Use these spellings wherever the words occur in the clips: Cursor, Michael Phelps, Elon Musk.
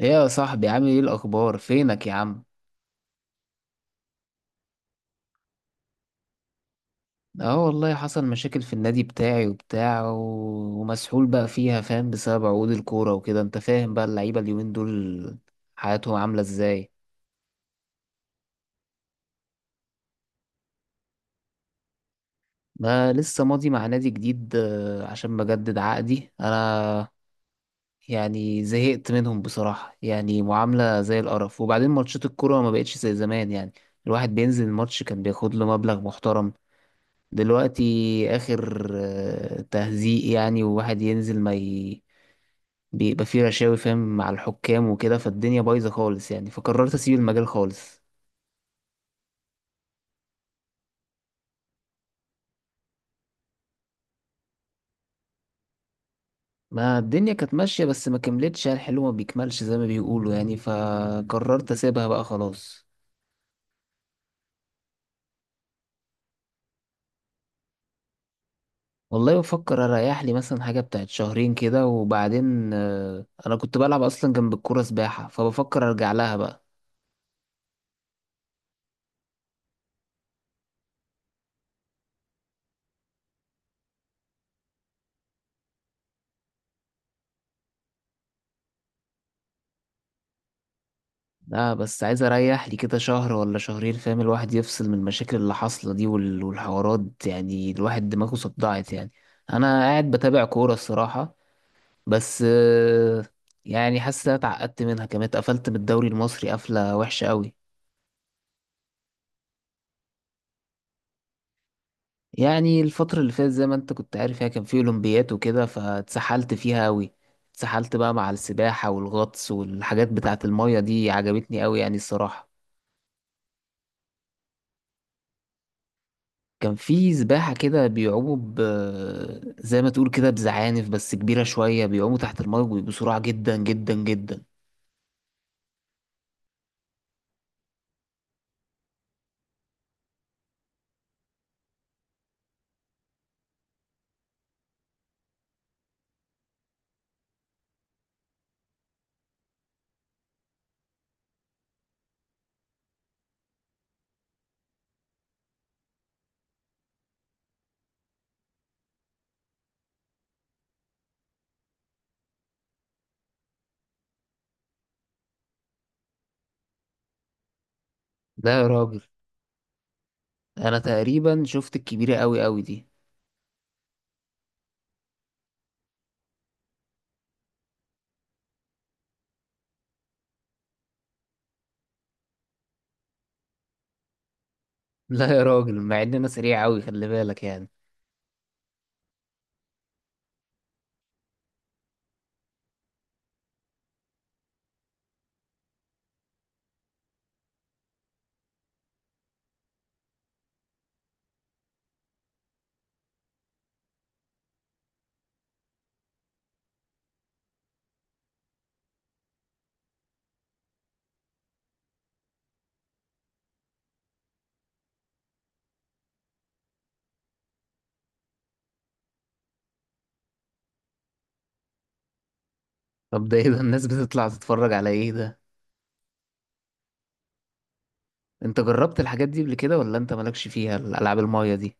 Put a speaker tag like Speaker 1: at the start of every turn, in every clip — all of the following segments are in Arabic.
Speaker 1: ايه يا صاحبي؟ عامل ايه الاخبار؟ فينك يا عم؟ اه والله، حصل مشاكل في النادي بتاعي وبتاع ومسحول بقى فيها، فاهم؟ بسبب عقود الكورة وكده. انت فاهم بقى اللعيبة اليومين دول حياتهم عاملة ازاي. ما لسه ماضي مع نادي جديد، عشان بجدد عقدي انا. يعني زهقت منهم بصراحة، يعني معاملة زي القرف. وبعدين ماتشات الكورة ما بقتش زي زمان يعني. الواحد بينزل الماتش كان بياخد له مبلغ محترم. دلوقتي آخر تهزيق يعني، وواحد ينزل ما ي... بيبقى فيه رشاوي فاهم، مع الحكام وكده. فالدنيا بايظة خالص يعني، فقررت أسيب المجال خالص. ما الدنيا كانت ماشية، بس ما كملتش، يعني الحلو ما بيكملش زي ما بيقولوا يعني، فقررت أسيبها بقى خلاص. والله بفكر أريح لي مثلا حاجة بتاعت شهرين كده، وبعدين أنا كنت بلعب أصلا جنب الكورة سباحة، فبفكر أرجع لها بقى. لا بس عايز اريح لي كده شهر ولا شهرين، فاهم؟ الواحد يفصل من المشاكل اللي حاصله دي والحوارات، يعني الواحد دماغه صدعت يعني. انا قاعد بتابع كوره الصراحه، بس يعني حاسس إن أنا اتعقدت منها كمان. اتقفلت من الدوري المصري قفله وحشه قوي. يعني الفتره اللي فاتت زي ما انت كنت عارف، يعني كان في اولمبيات وكده، فاتسحلت فيها قوي. اتسحلت بقى مع السباحه والغطس والحاجات بتاعه الميه دي، عجبتني قوي يعني الصراحه. كان في سباحة كده بيعوموا زي ما تقول كده بزعانف، بس كبيرة شوية، بيعوموا تحت الماء بسرعة جدا جدا جدا. لا يا راجل، أنا تقريبا شفت الكبيرة أوي أوي دي. لا يا راجل، مع إن أنا سريع أوي، خلي بالك يعني. طب ده إيه ده، الناس بتطلع تتفرج على إيه ده؟ أنت جربت الحاجات دي قبل كده، ولا أنت مالكش فيها الألعاب الماية دي؟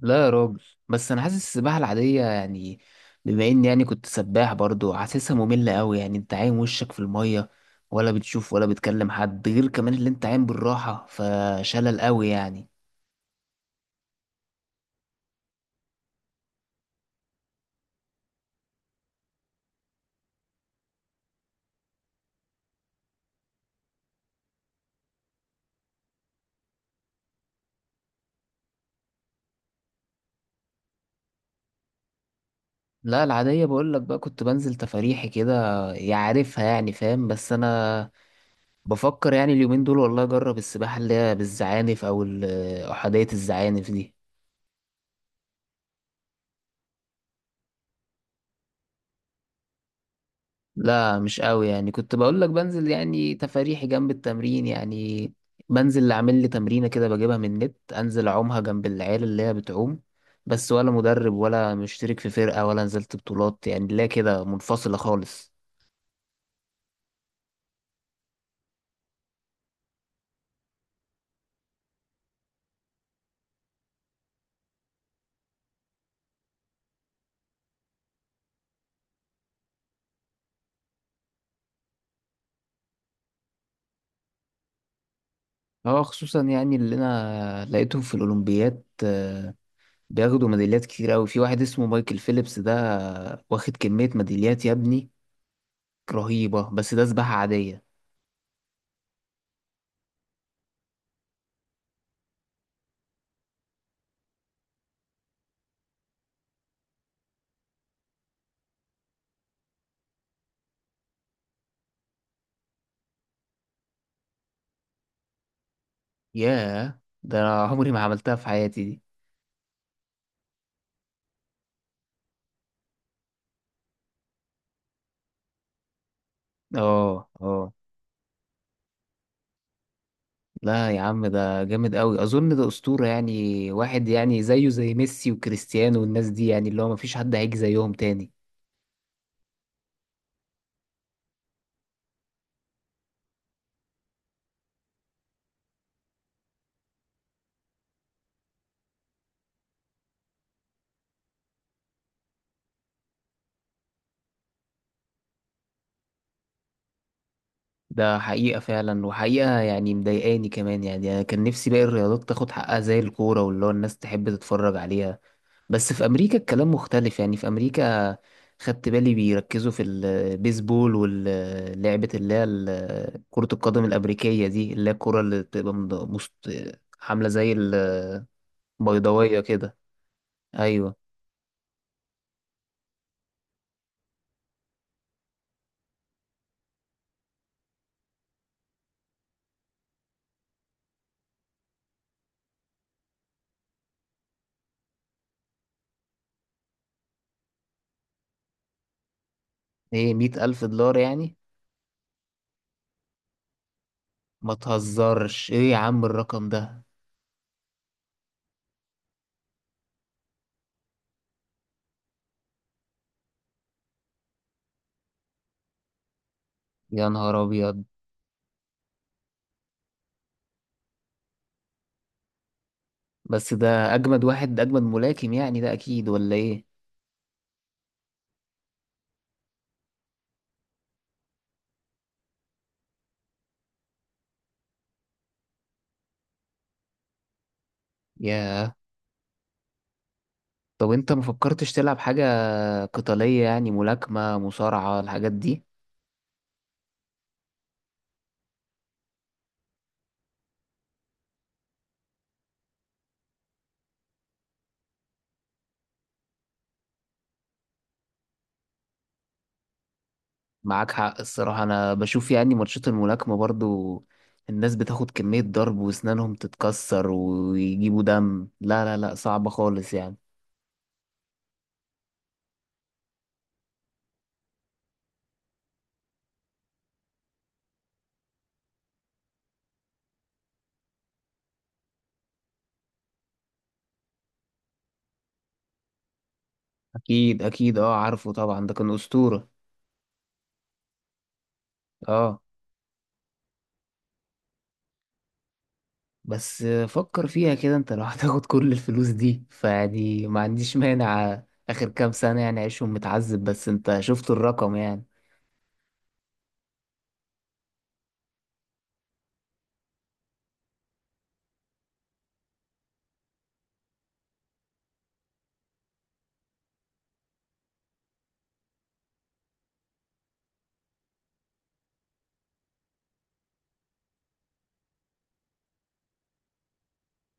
Speaker 1: لا يا راجل، بس انا حاسس السباحه العاديه يعني، بما اني يعني كنت سباح برضو، حاسسها ممله قوي يعني. انت عايم وشك في الميه، ولا بتشوف ولا بتكلم حد، غير كمان اللي انت عايم بالراحه، فشلل قوي يعني. لا العاديه بقول لك بقى، كنت بنزل تفاريحي كده، يعرفها يعني فاهم، بس انا بفكر يعني اليومين دول والله اجرب السباحه اللي هي بالزعانف او احاديه الزعانف دي. لا مش قوي يعني، كنت بقول لك بنزل يعني تفاريحي جنب التمرين يعني. بنزل اللي عامل لي تمرينة كده، بجيبها من النت، انزل اعومها جنب العيال اللي هي بتعوم. بس ولا مدرب ولا مشترك في فرقة ولا نزلت بطولات يعني، لا كده منفصلة خالص. اه خصوصا يعني اللي انا لقيتهم في الاولمبيات، بياخدوا ميداليات كتير قوي. في واحد اسمه مايكل فيليبس ده، واخد كمية ميداليات يا ابني رهيبة، بس ده سباحة عادية. ياه، ده أنا عمري ما عملتها في حياتي دي. اه، اه. لا يا عم، ده جامد قوي، اظن ده اسطوره يعني، واحد يعني زيه زي ميسي وكريستيانو والناس دي، يعني اللي هو مفيش حد هيجي زيهم تاني. ده حقيقه فعلا، وحقيقه يعني مضايقاني كمان. يعني انا كان نفسي باقي الرياضات تاخد حقها زي الكوره، واللي هو الناس تحب تتفرج عليها. بس في امريكا الكلام مختلف، يعني في امريكا خدت بالي بيركزوا في البيسبول، واللعبه اللي هي كره القدم الامريكيه دي، اللي هي الكره اللي بتبقى عامله زي ال بيضاوية كده. أيوة. إيه، $100,000 يعني؟ ما تهزرش، إيه يا عم الرقم ده؟ يا نهار أبيض. بس ده أجمد واحد، ده أجمد ملاكم يعني، ده أكيد ولا إيه؟ ياه. طب أنت ما فكرتش تلعب حاجة قتالية، يعني ملاكمة، مصارعة، الحاجات دي؟ معاك حق الصراحة. أنا بشوف يعني ماتشات الملاكمة برضو، الناس بتاخد كمية ضرب وأسنانهم تتكسر ويجيبوا دم، لا لا لا، صعبة خالص يعني. أكيد أكيد، أه عارفه طبعا، ده كان أسطورة. اه. بس فكر فيها كده، انت لو هتاخد كل الفلوس دي، فيعني ما عنديش مانع. اخر كام سنة يعني اعيشهم متعذب، بس انت شفت الرقم يعني.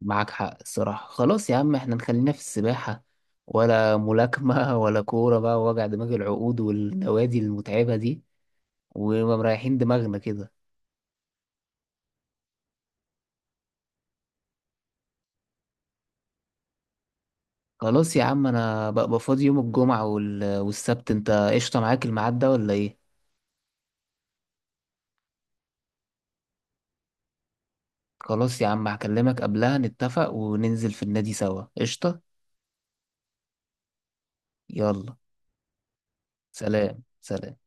Speaker 1: معاك حق الصراحة. خلاص يا عم، احنا نخلينا في السباحة ولا ملاكمة، ولا كورة بقى، ووجع دماغ العقود والنوادي المتعبة دي، ومريحين دماغنا كده. خلاص يا عم، انا بقى فاضي يوم الجمعة والسبت. انت قشطة معاك الميعاد ده، ولا ايه؟ خلاص يا عم، هكلمك قبلها نتفق، وننزل في النادي سوا، قشطة. يلا. سلام. سلام.